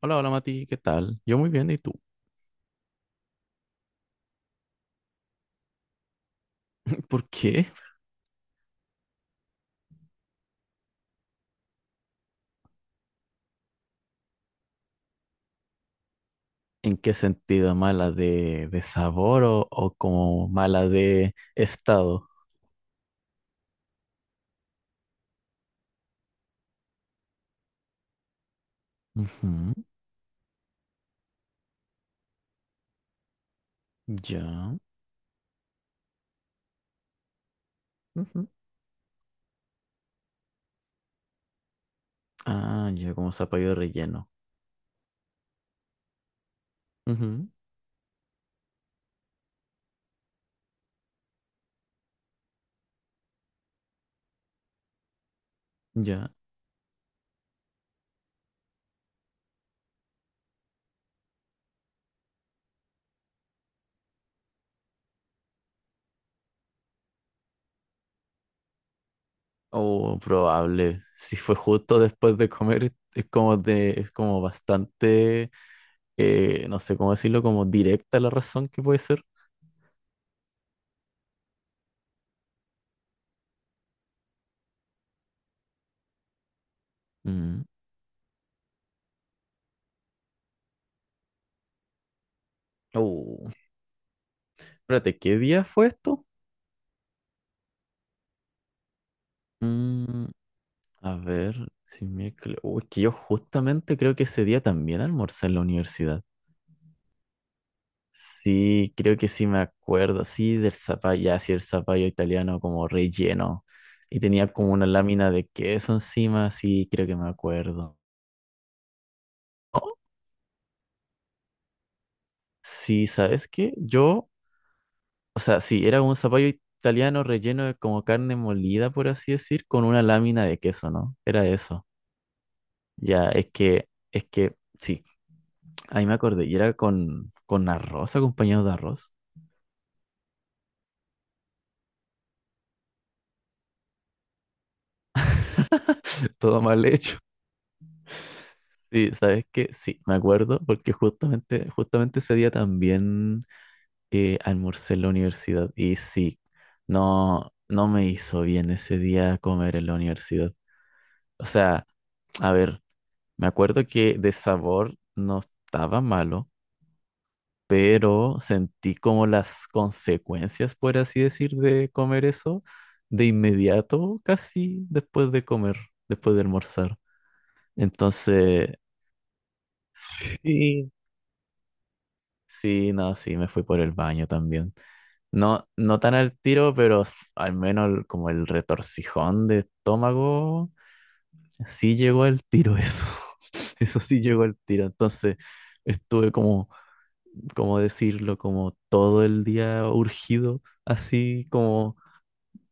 Hola, hola Mati, ¿qué tal? Yo muy bien, ¿y tú? ¿Por qué? ¿En qué sentido? ¿Mala de sabor o como mala de estado? Ujú. Ya. Ujú. Ah, ya como zapallo relleno. Ujú. Ya. O probable. Si fue justo después de comer, es como de, es como bastante, no sé cómo decirlo, como directa la razón que puede ser. Mm. Oh. Espérate, ¿qué día fue esto? Mm. A ver, si miércoles. Uy, que yo justamente creo que ese día también almorcé en la universidad. Sí, creo que sí me acuerdo. Sí, del zapallo, ya, sí, el zapallo italiano como relleno. Y tenía como una lámina de queso encima. Sí, creo que me acuerdo. Sí, ¿sabes qué? Yo, o sea, sí, era un zapallo italiano relleno de como carne molida, por así decir, con una lámina de queso, ¿no? Era eso. Ya, es que, sí. Ahí me acordé, y era con arroz, acompañado de arroz. Todo mal hecho. Sí, ¿sabes qué? Sí, me acuerdo, porque justamente, justamente ese día también almorcé en la universidad. Y sí, no me hizo bien ese día comer en la universidad. O sea, a ver, me acuerdo que de sabor no estaba malo, pero sentí como las consecuencias, por así decir, de comer eso de inmediato, casi después de comer, después de almorzar. Entonces, sí. Sí, no, sí, me fui por el baño también. No, no tan al tiro, pero al menos como el retorcijón de estómago, sí llegó al tiro eso. Eso sí llegó al tiro. Entonces estuve como ¿cómo decirlo? Como todo el día urgido, así como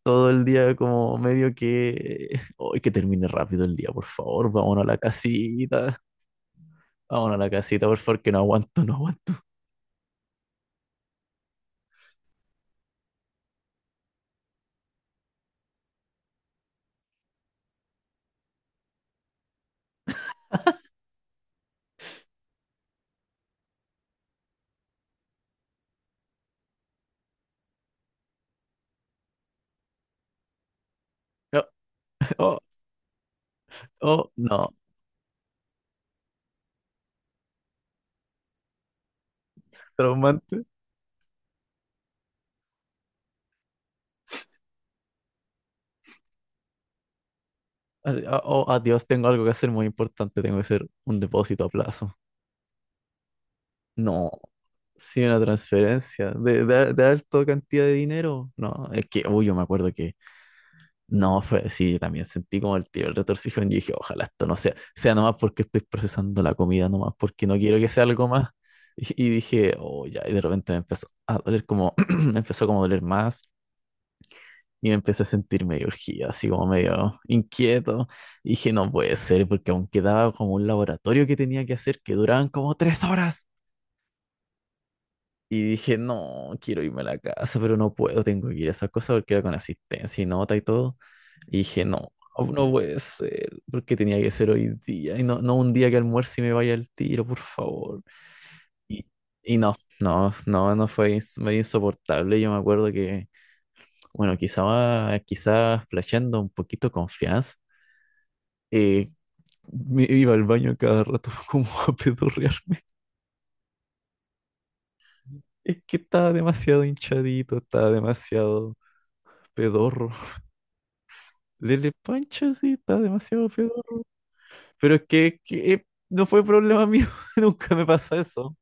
todo el día como medio que, hoy que termine rápido el día, por favor, vámonos a la casita, vámonos a la casita, por favor, que no aguanto, no aguanto. No, oh, oh, no, traumante. Así, ah, oh, adiós, tengo algo que hacer muy importante, tengo que hacer un depósito a plazo. No. Sí, una transferencia de alta cantidad de dinero. No, es que, uy, yo me acuerdo que no, fue, sí, yo también sentí como el tiro, el retorcijón. Yo dije, ojalá esto no sea, sea nomás porque estoy procesando la comida, nomás porque no quiero que sea algo más. Y dije, oh, ya, y de repente me empezó a doler como, me empezó como a doler más y me empecé a sentir medio urgido, así como medio inquieto. Y dije, no puede ser, porque aún quedaba como un laboratorio que tenía que hacer que duraban como tres horas. Y dije, no, quiero irme a la casa, pero no puedo, tengo que ir a esas cosas porque era con asistencia y nota y todo. Y dije, no, no puede ser, porque tenía que ser hoy día. Y no, no un día que almuerce y me vaya al tiro, por favor. Y, y no, no fue medio insoportable. Yo me acuerdo que, bueno, quizás flasheando un poquito confianza, eh, me iba al baño cada rato como a pedorrear. Es que estaba demasiado hinchadito, estaba demasiado pedorro. Lele Pancho, sí, está demasiado pedo. Pero es que, no fue problema mío, nunca me pasa eso.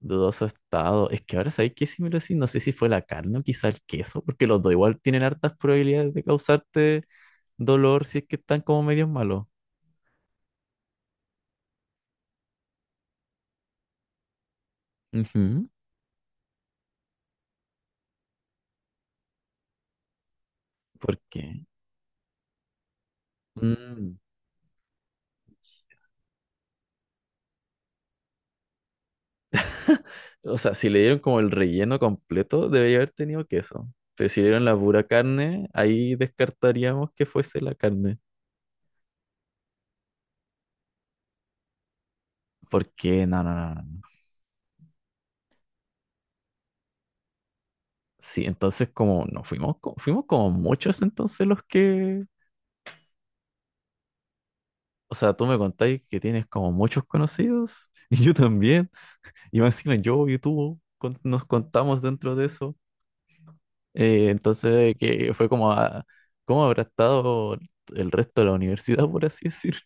Dudoso estado. Es que ahora sabéis que si me lo decís, no sé si fue la carne o quizá el queso, porque los dos igual tienen hartas probabilidades de causarte dolor si es que están como medios malos. Ujú. ¿Por qué? Mm. O sea, si le dieron como el relleno completo, debería haber tenido queso. Pero si le dieron la pura carne, ahí descartaríamos que fuese la carne. ¿Por qué? No. Sí, entonces como nos fuimos, fuimos como muchos entonces los que, o sea, tú me contáis que tienes como muchos conocidos y yo también, y más encima yo y tú nos contamos dentro de eso. Entonces que fue como, a, ¿cómo habrá estado el resto de la universidad, por así decir?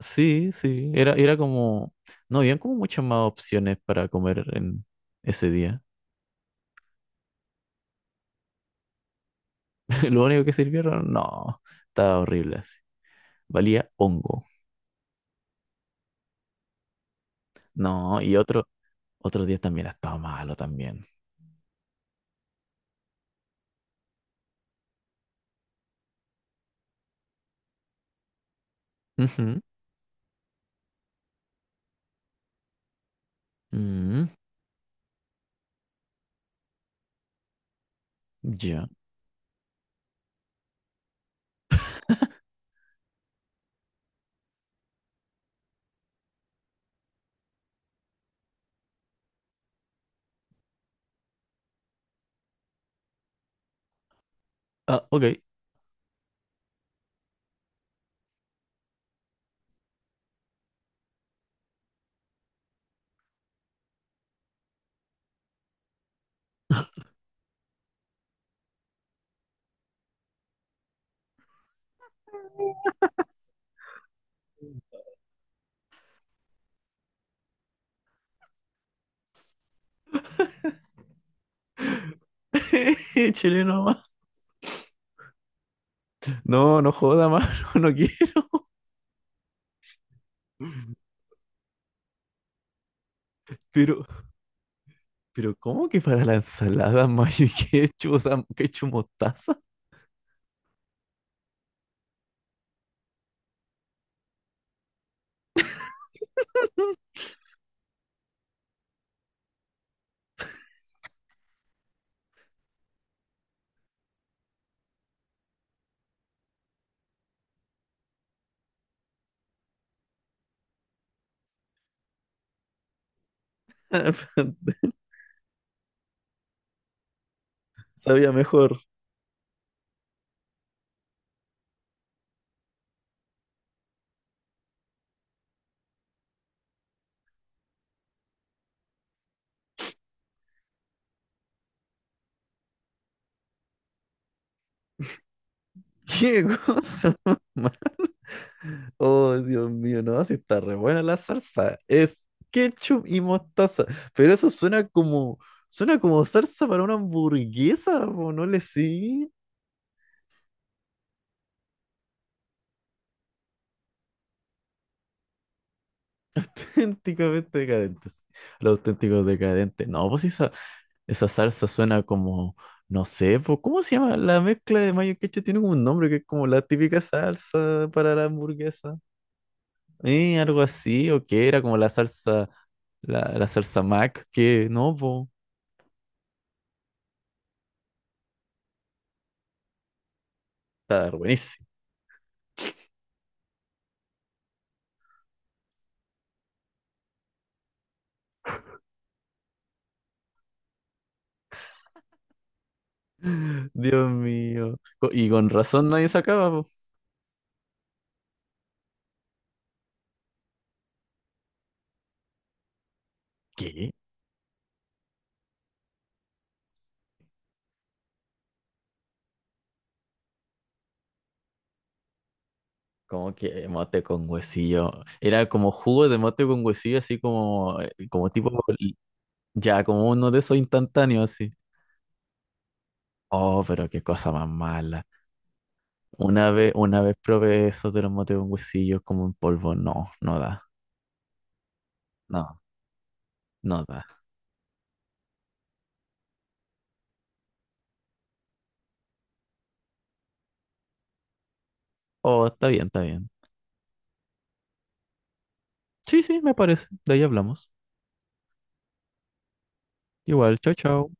Sí, sí, era como, no, habían como muchas más opciones para comer en ese día. Lo único que sirvieron, no, estaba horrible así, valía hongo. No, y otro, otros días también ha estado malo también. Ujú, mm, ya. Ah, ok. Chileno más. No, no joda más, no, no quiero. Pero, pero, ¿cómo que para la ensalada mayo y ketchup, o sea, ketchup mostaza? Sabía mejor. ¿Qué cosa? ¿Ma? Oh, Dios mío, no, si está re buena la salsa. Es ketchup y mostaza. Pero eso suena como salsa para una hamburguesa, po, no le sigue. Auténticamente decadentes. Los auténticos decadentes. No, pues esa salsa suena como, no sé, pues, ¿cómo se llama? La mezcla de mayo y ketchup tiene como un nombre que es como la típica salsa para la hamburguesa. Algo así, o que era como la salsa, la salsa Mac, que no, pues, está buenísimo. Dios mío. Y con razón nadie sacaba, pues. ¿Qué? Como que mote con huesillo. Era como jugo de mote con huesillo, así como, como tipo ya, como uno de esos instantáneos así. Oh, pero qué cosa más mala. Una vez probé eso de los motes con huesillos como en polvo. No, no da. No, no da. Oh, está bien, está bien. Sí, sí, me parece. De ahí hablamos. Igual, chao, chao.